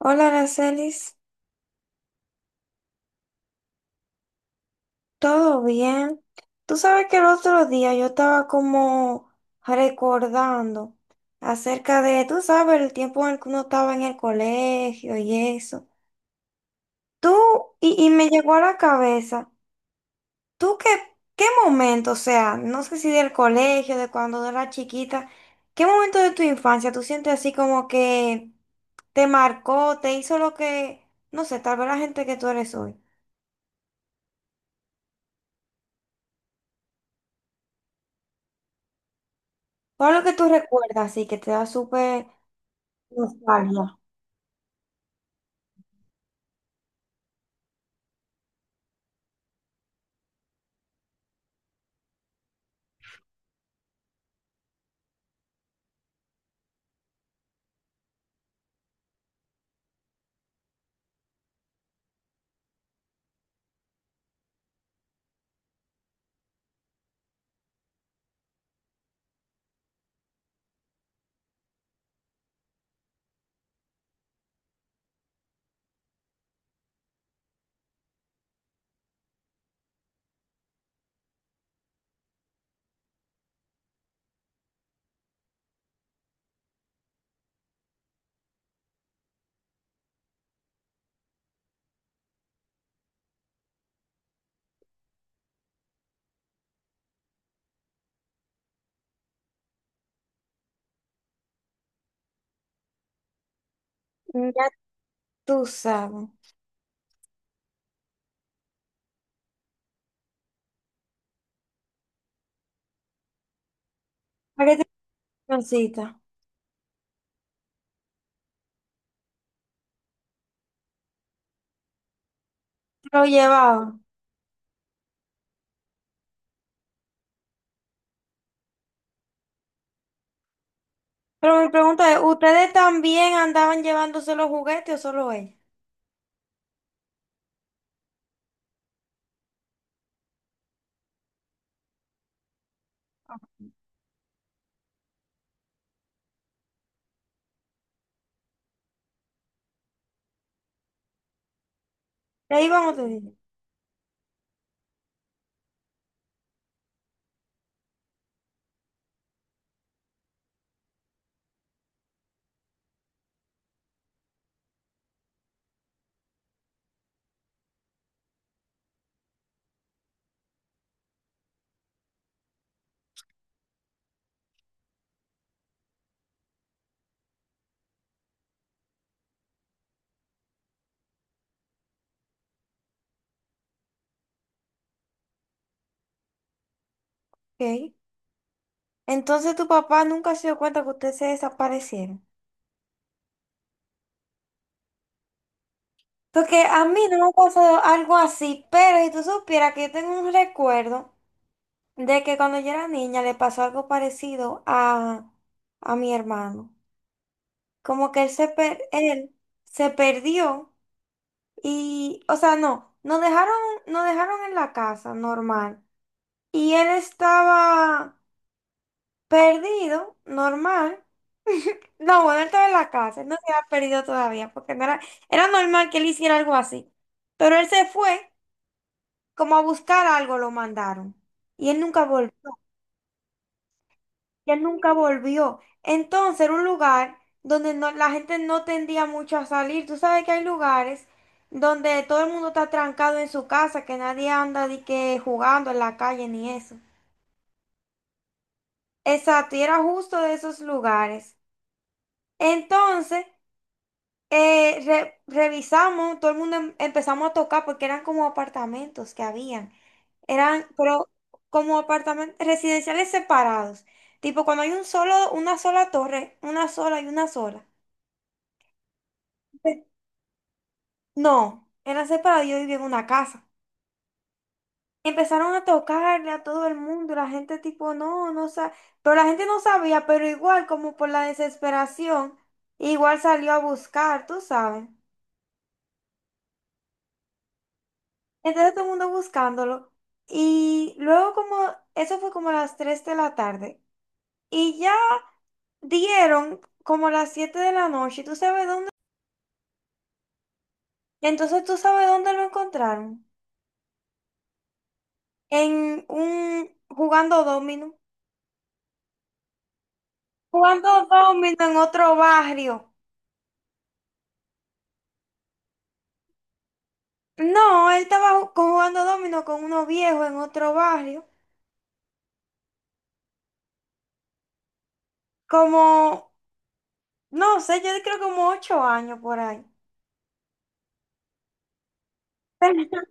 Hola, Aracelis, ¿todo bien? Tú sabes que el otro día yo estaba como recordando acerca de, tú sabes, el tiempo en el que uno estaba en el colegio y eso. Tú, y me llegó a la cabeza, ¿tú qué, qué momento, o sea, no sé si del colegio, de cuando era chiquita, qué momento de tu infancia tú sientes así como que te marcó, te hizo lo que, no sé, tal vez la gente que tú eres hoy? ¿Cuál es lo que tú recuerdas así que te da súper Los Ya tú sabes? Aquí te cancioncita. Lo llevaba. Pero mi pregunta es, ¿ustedes también andaban llevándose los juguetes o solo ella? Le iban ustedes. Ok. Entonces tu papá nunca se dio cuenta que ustedes se desaparecieron. Porque a mí no me ha pasado algo así, pero si tú supieras que yo tengo un recuerdo de que cuando yo era niña le pasó algo parecido a mi hermano. Como que él se, él se perdió. Y, o sea, no, nos dejaron en la casa, normal. Y él estaba perdido, normal. No, bueno, él estaba en la casa, él no se había perdido todavía, porque no era, era normal que él hiciera algo así. Pero él se fue, como a buscar algo, lo mandaron. Y él nunca volvió. Ya nunca volvió. Entonces era un lugar donde no, la gente no tendía mucho a salir. Tú sabes que hay lugares donde todo el mundo está trancado en su casa, que nadie anda de que jugando en la calle ni eso. Exacto, y era justo de esos lugares. Entonces, revisamos, todo el mundo empezamos a tocar porque eran como apartamentos que habían. Eran, pero como apartamentos residenciales separados. Tipo, cuando hay un solo, una sola torre, una sola y una sola. No, era separado, yo vivía en una casa. Empezaron a tocarle a todo el mundo, la gente tipo, no, no sabe, pero la gente no sabía, pero igual como por la desesperación, igual salió a buscar, tú sabes. Entonces todo el mundo buscándolo. Y luego como, eso fue como a las 3 de la tarde. Y ya dieron como a las 7 de la noche, ¿tú sabes dónde? Entonces tú sabes dónde lo encontraron. En un, jugando dominó. Jugando domino en otro barrio. No, él estaba jugando domino con unos viejos en otro barrio. Como, no sé, yo creo como ocho años por ahí.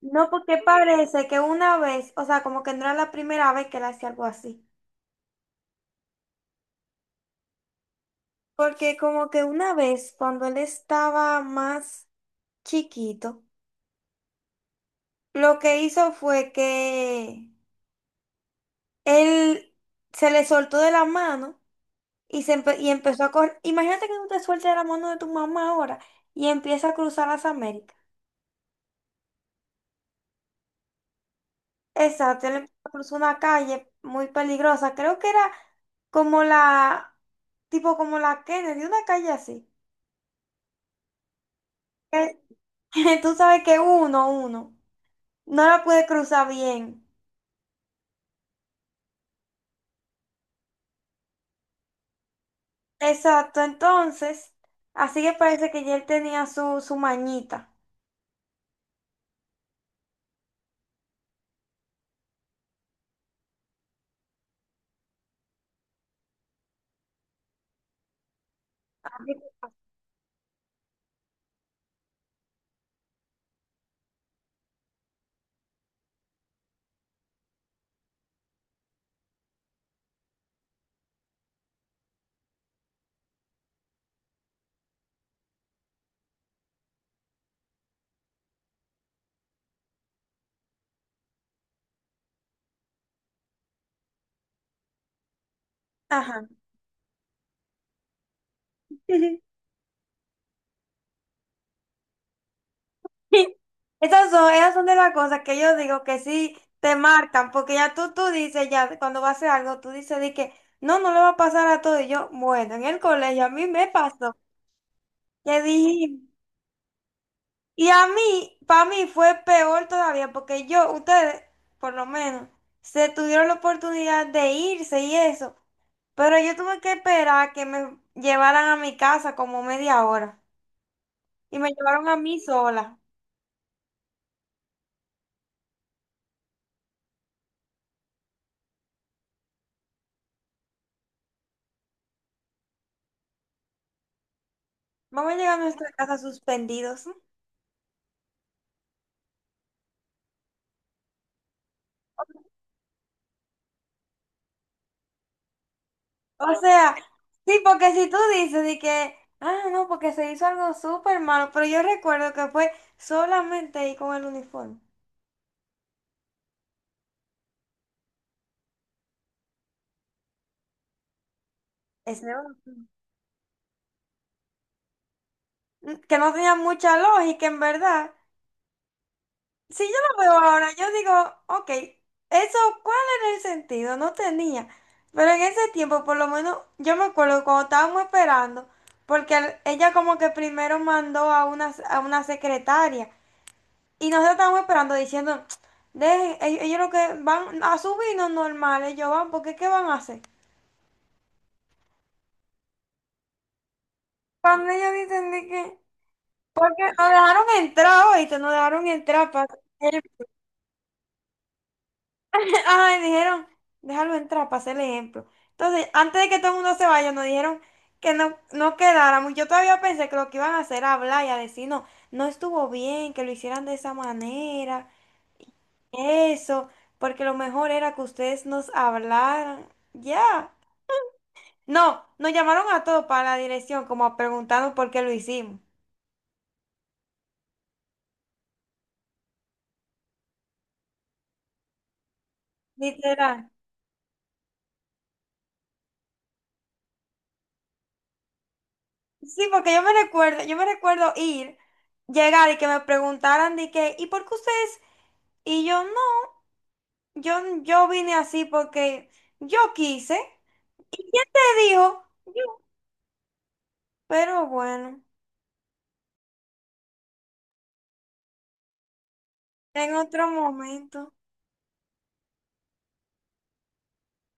No, porque parece que una vez, o sea, como que no era la primera vez que él hacía algo así. Porque como que una vez, cuando él estaba más chiquito, lo que hizo fue que él se le soltó de la mano. Y, y empezó a correr. Imagínate que tú te sueltes de la mano de tu mamá ahora y empieza a cruzar las Américas. Exacto, él empezó a cruzar una calle muy peligrosa. Creo que era como la, tipo como la Kennedy, una calle así. Que, tú sabes que uno, no la puede cruzar bien. Exacto, entonces, así que parece que ya él tenía su, su mañita. Así que- Ajá. Esas son de las cosas que yo digo que sí te marcan, porque ya tú dices, ya cuando va a hacer algo, tú dices de que no, no le va a pasar a todo. Y yo, bueno, en el colegio a mí me pasó, que dije, y a mí, para mí fue peor todavía, porque yo, ustedes, por lo menos, se tuvieron la oportunidad de irse y eso, pero yo tuve que esperar que me llevaran a mi casa como media hora, y me llevaron a mí sola. Vamos a llegar a nuestra casa suspendidos. O sea, sí, porque si tú dices de que, ah, no, porque se hizo algo súper malo, pero yo recuerdo que fue solamente ahí con el uniforme. Ese era un asunto. Mm, que no tenía mucha lógica, en verdad. Si yo lo veo ahora, yo digo, ok, eso, ¿cuál era el sentido? No tenía. Pero en ese tiempo, por lo menos, yo me acuerdo que cuando estábamos esperando, porque ella como que primero mandó a una secretaria. Y nosotros estábamos esperando diciendo, de ellos, ellos lo que van a subirnos normal, ellos van, porque ¿qué van a hacer? Cuando ellos dicen de que, porque nos dejaron entrar, oíste, nos dejaron entrar para el- Ajá, y dijeron, déjalo entrar para hacer el ejemplo. Entonces, antes de que todo el mundo se vaya, nos dijeron que no, no quedáramos. Yo todavía pensé que lo que iban a hacer era hablar y a decir, no, no estuvo bien que lo hicieran de esa manera, eso, porque lo mejor era que ustedes nos hablaran. Ya. No, nos llamaron a todos para la dirección, como preguntando por qué lo hicimos. Literal. Sí, porque yo me recuerdo ir, llegar y que me preguntaran de que, ¿y por qué ustedes? Y yo no, yo vine así porque yo quise. ¿Y quién te dijo? Yo. Pero bueno, en otro momento.